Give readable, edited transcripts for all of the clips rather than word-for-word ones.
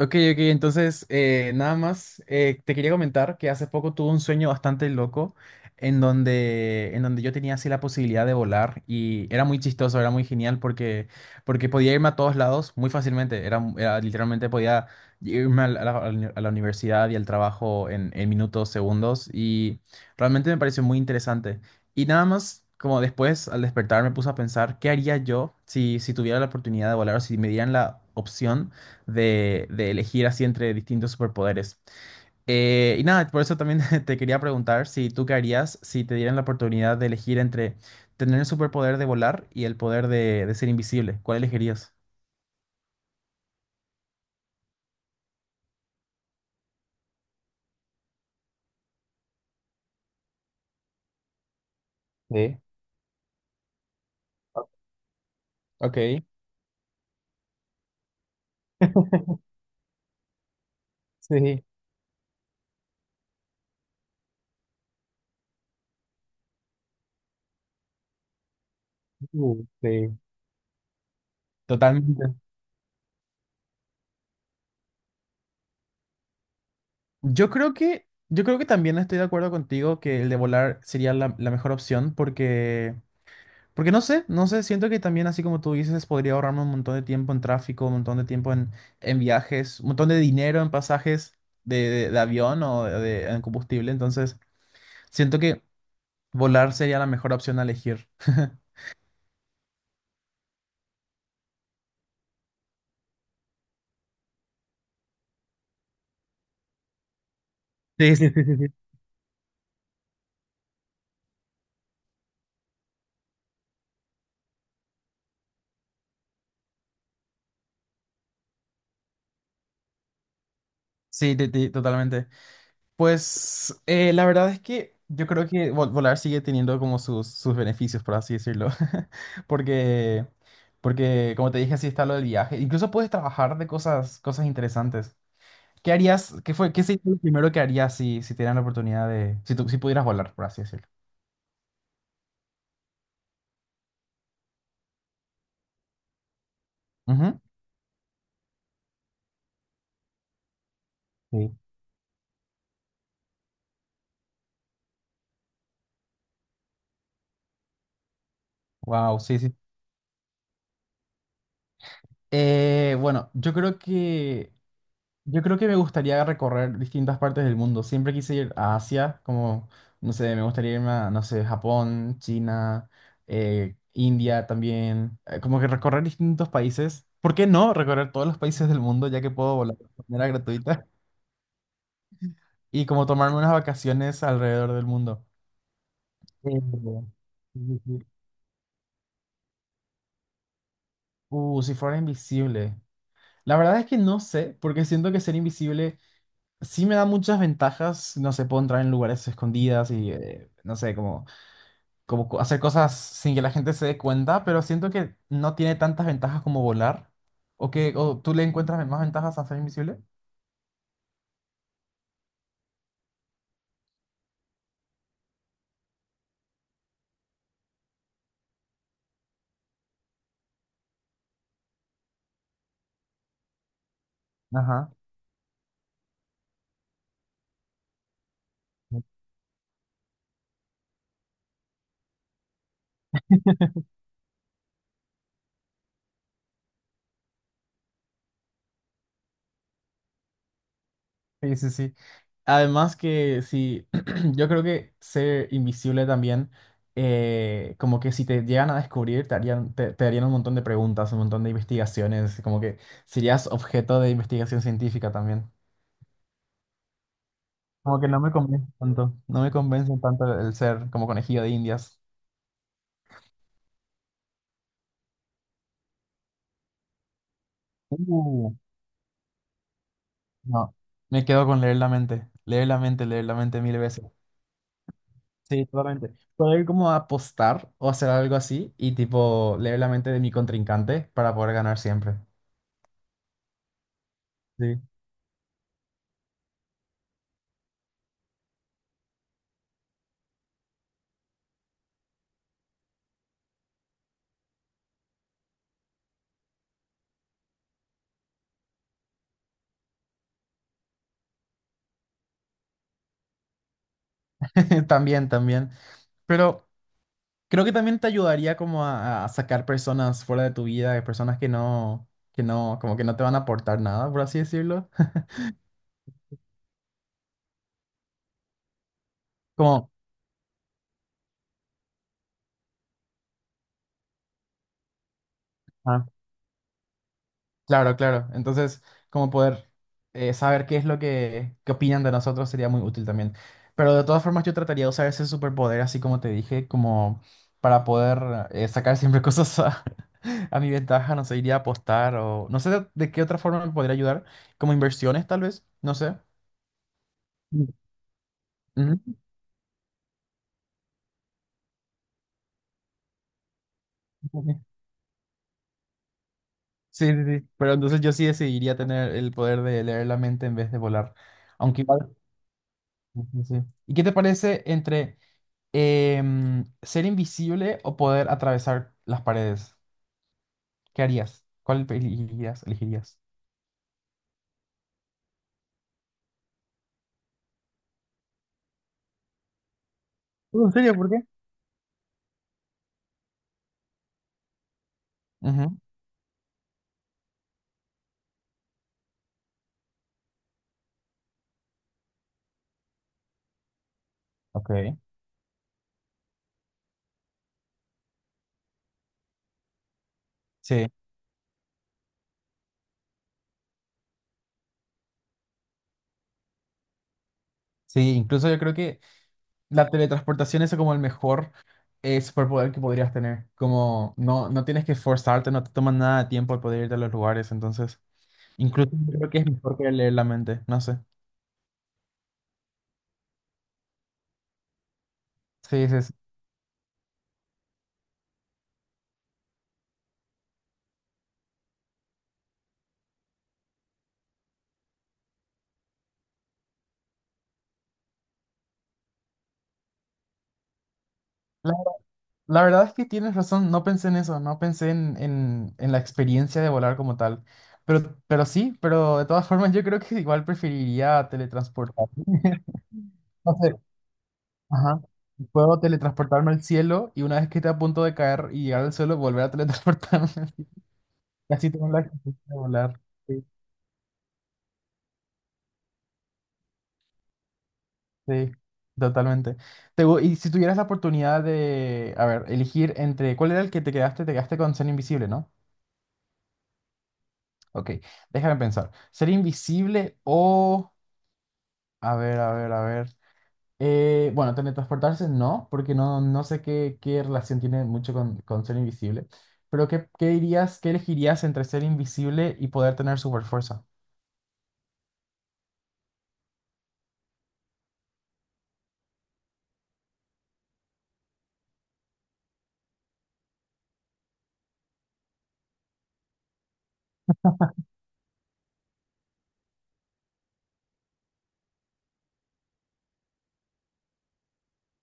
Ok, ok, entonces nada más te quería comentar que hace poco tuve un sueño bastante loco en donde yo tenía así la posibilidad de volar y era muy chistoso, era muy genial porque podía irme a todos lados muy fácilmente, era literalmente podía irme a la universidad y al trabajo en minutos, segundos y realmente me pareció muy interesante. Y nada más como después al despertar me puse a pensar, ¿qué haría yo si, si tuviera la oportunidad de volar o si me dieran la opción de elegir así entre distintos superpoderes? Y nada, por eso también te quería preguntar si tú qué harías si te dieran la oportunidad de elegir entre tener el superpoder de volar y el poder de ser invisible. ¿Cuál elegirías? Sí. Ok. Sí. Sí, totalmente. Yo creo que también estoy de acuerdo contigo que el de volar sería la mejor opción. Porque Porque no sé, no sé, siento que también, así como tú dices, podría ahorrarme un montón de tiempo en tráfico, un montón de tiempo en viajes, un montón de dinero en pasajes de avión o en combustible. Entonces, siento que volar sería la mejor opción a elegir. Sí, sí, sí, sí, sí. Sí, totalmente. Pues la verdad es que yo creo que volar sigue teniendo como sus beneficios, por así decirlo. Porque, porque, como te dije, así está lo del viaje. Incluso puedes trabajar de cosas interesantes. ¿Qué harías? ¿Qué fue? ¿Qué sería lo primero que harías si, si te dieran la oportunidad de, si tú, si pudieras volar, por así decirlo? Ujú. Sí. Wow, sí, sí. Bueno, yo creo que me gustaría recorrer distintas partes del mundo. Siempre quise ir a Asia, como, no sé, me gustaría irme a, no sé, Japón, China, India también. Como que recorrer distintos países. ¿Por qué no recorrer todos los países del mundo, ya que puedo volar de manera gratuita? Y como tomarme unas vacaciones alrededor del mundo. Eh, sí, sí. Si fuera invisible, la verdad es que no sé, porque siento que ser invisible sí me da muchas ventajas. No sé, puedo entrar en lugares escondidas y no sé, como, hacer cosas sin que la gente se dé cuenta, pero siento que no tiene tantas ventajas como volar. ¿O que o tú le encuentras más ventajas a ser invisible? Ajá. Sí, sí, sí. Además que sí, yo creo que ser invisible también, como que si te llegan a descubrir, te harían, te harían un montón de preguntas, un montón de investigaciones, como que serías objeto de investigación científica también. Como que no me convence tanto, no me convence tanto el ser como conejillo de Indias. Uh, no, me quedo con leer la mente, leer la mente, leer la mente mil veces. Sí, totalmente. Poder como apostar o hacer algo así y tipo leer la mente de mi contrincante para poder ganar siempre. Sí. También, también. Pero creo que también te ayudaría como a sacar personas fuera de tu vida, de personas que no, como que no te van a aportar nada, por así decirlo. Como, claro, claro. Entonces, como poder saber qué es lo que, qué opinan de nosotros, sería muy útil también. Pero de todas formas, yo trataría de usar ese superpoder, así como te dije, como para poder sacar siempre cosas a mi ventaja. No sé, iría a apostar o no sé de qué otra forma me podría ayudar. Como inversiones, tal vez. No sé. Mm. Ujú. Ok. Sí, sí, sí. Pero entonces yo sí decidiría tener el poder de leer la mente en vez de volar. Aunque igual, sí, sí, sí. ¿Y qué te parece entre, ¿ser invisible o poder atravesar las paredes? ¿Qué harías? ¿Cuál elegirías? ¿Elegirías? ¿En serio? ¿Por qué? Ujú. Ok. Sí, sí, incluso yo creo que la teletransportación es como el mejor superpoder que podrías tener. Como no, no tienes que forzarte, no te toma nada de tiempo el poder irte a los lugares, entonces incluso yo creo que es mejor que leer la mente, no sé. Sí, sí, sí. La verdad es que tienes razón, no pensé en eso, no pensé en la experiencia de volar como tal. Pero sí, pero de todas formas yo creo que igual preferiría teletransportarme. No sé, ajá. Puedo teletransportarme al cielo y una vez que esté a punto de caer y llegar al suelo, volver a teletransportarme. Y así tengo la experiencia de volar. Sí, sí, totalmente. Y si tuvieras la oportunidad de, a ver, elegir entre, ¿cuál era el que te quedaste? Te quedaste con ser invisible, ¿no? Ok, déjame pensar. ¿Ser invisible o... a ver, a ver, a ver. Bueno, teletransportarse no, porque no, no sé qué, qué relación tiene mucho con ser invisible. Pero ¿qué, qué dirías, qué elegirías entre ser invisible y poder tener super fuerza?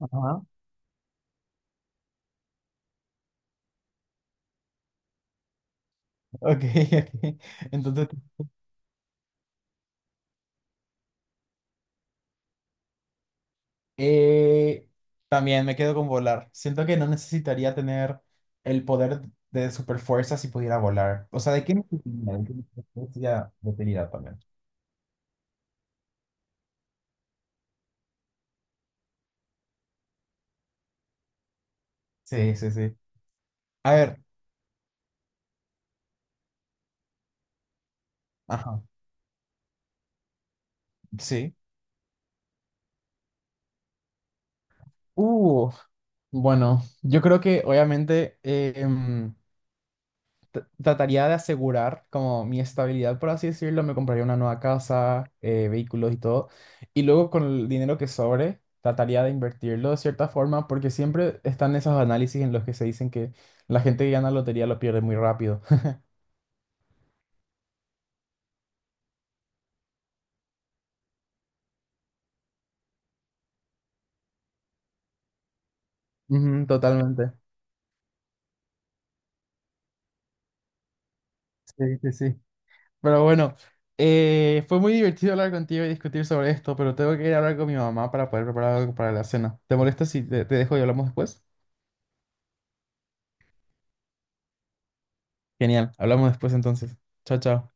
Ajá. Ok, ok. Entonces, eh, también me quedo con volar. Siento que no necesitaría tener el poder de superfuerza si pudiera volar. O sea, ¿de qué me serviría? ¿De qué me serviría de utilidad también? Sí, sí, sí. A ver. Ajá, sí. Uh, bueno, yo creo que obviamente trataría de asegurar como mi estabilidad, por así decirlo. Me compraría una nueva casa, vehículos y todo. Y luego con el dinero que sobre, trataría de invertirlo de cierta forma, porque siempre están esos análisis en los que se dicen que la gente que gana lotería lo pierde muy rápido. Ujú, totalmente. Sí, sí, sí. Pero bueno, fue muy divertido hablar contigo y discutir sobre esto, pero tengo que ir a hablar con mi mamá para poder preparar algo para la cena. ¿Te molesta si te, te dejo y hablamos después? Genial, hablamos después entonces. Chao, chao.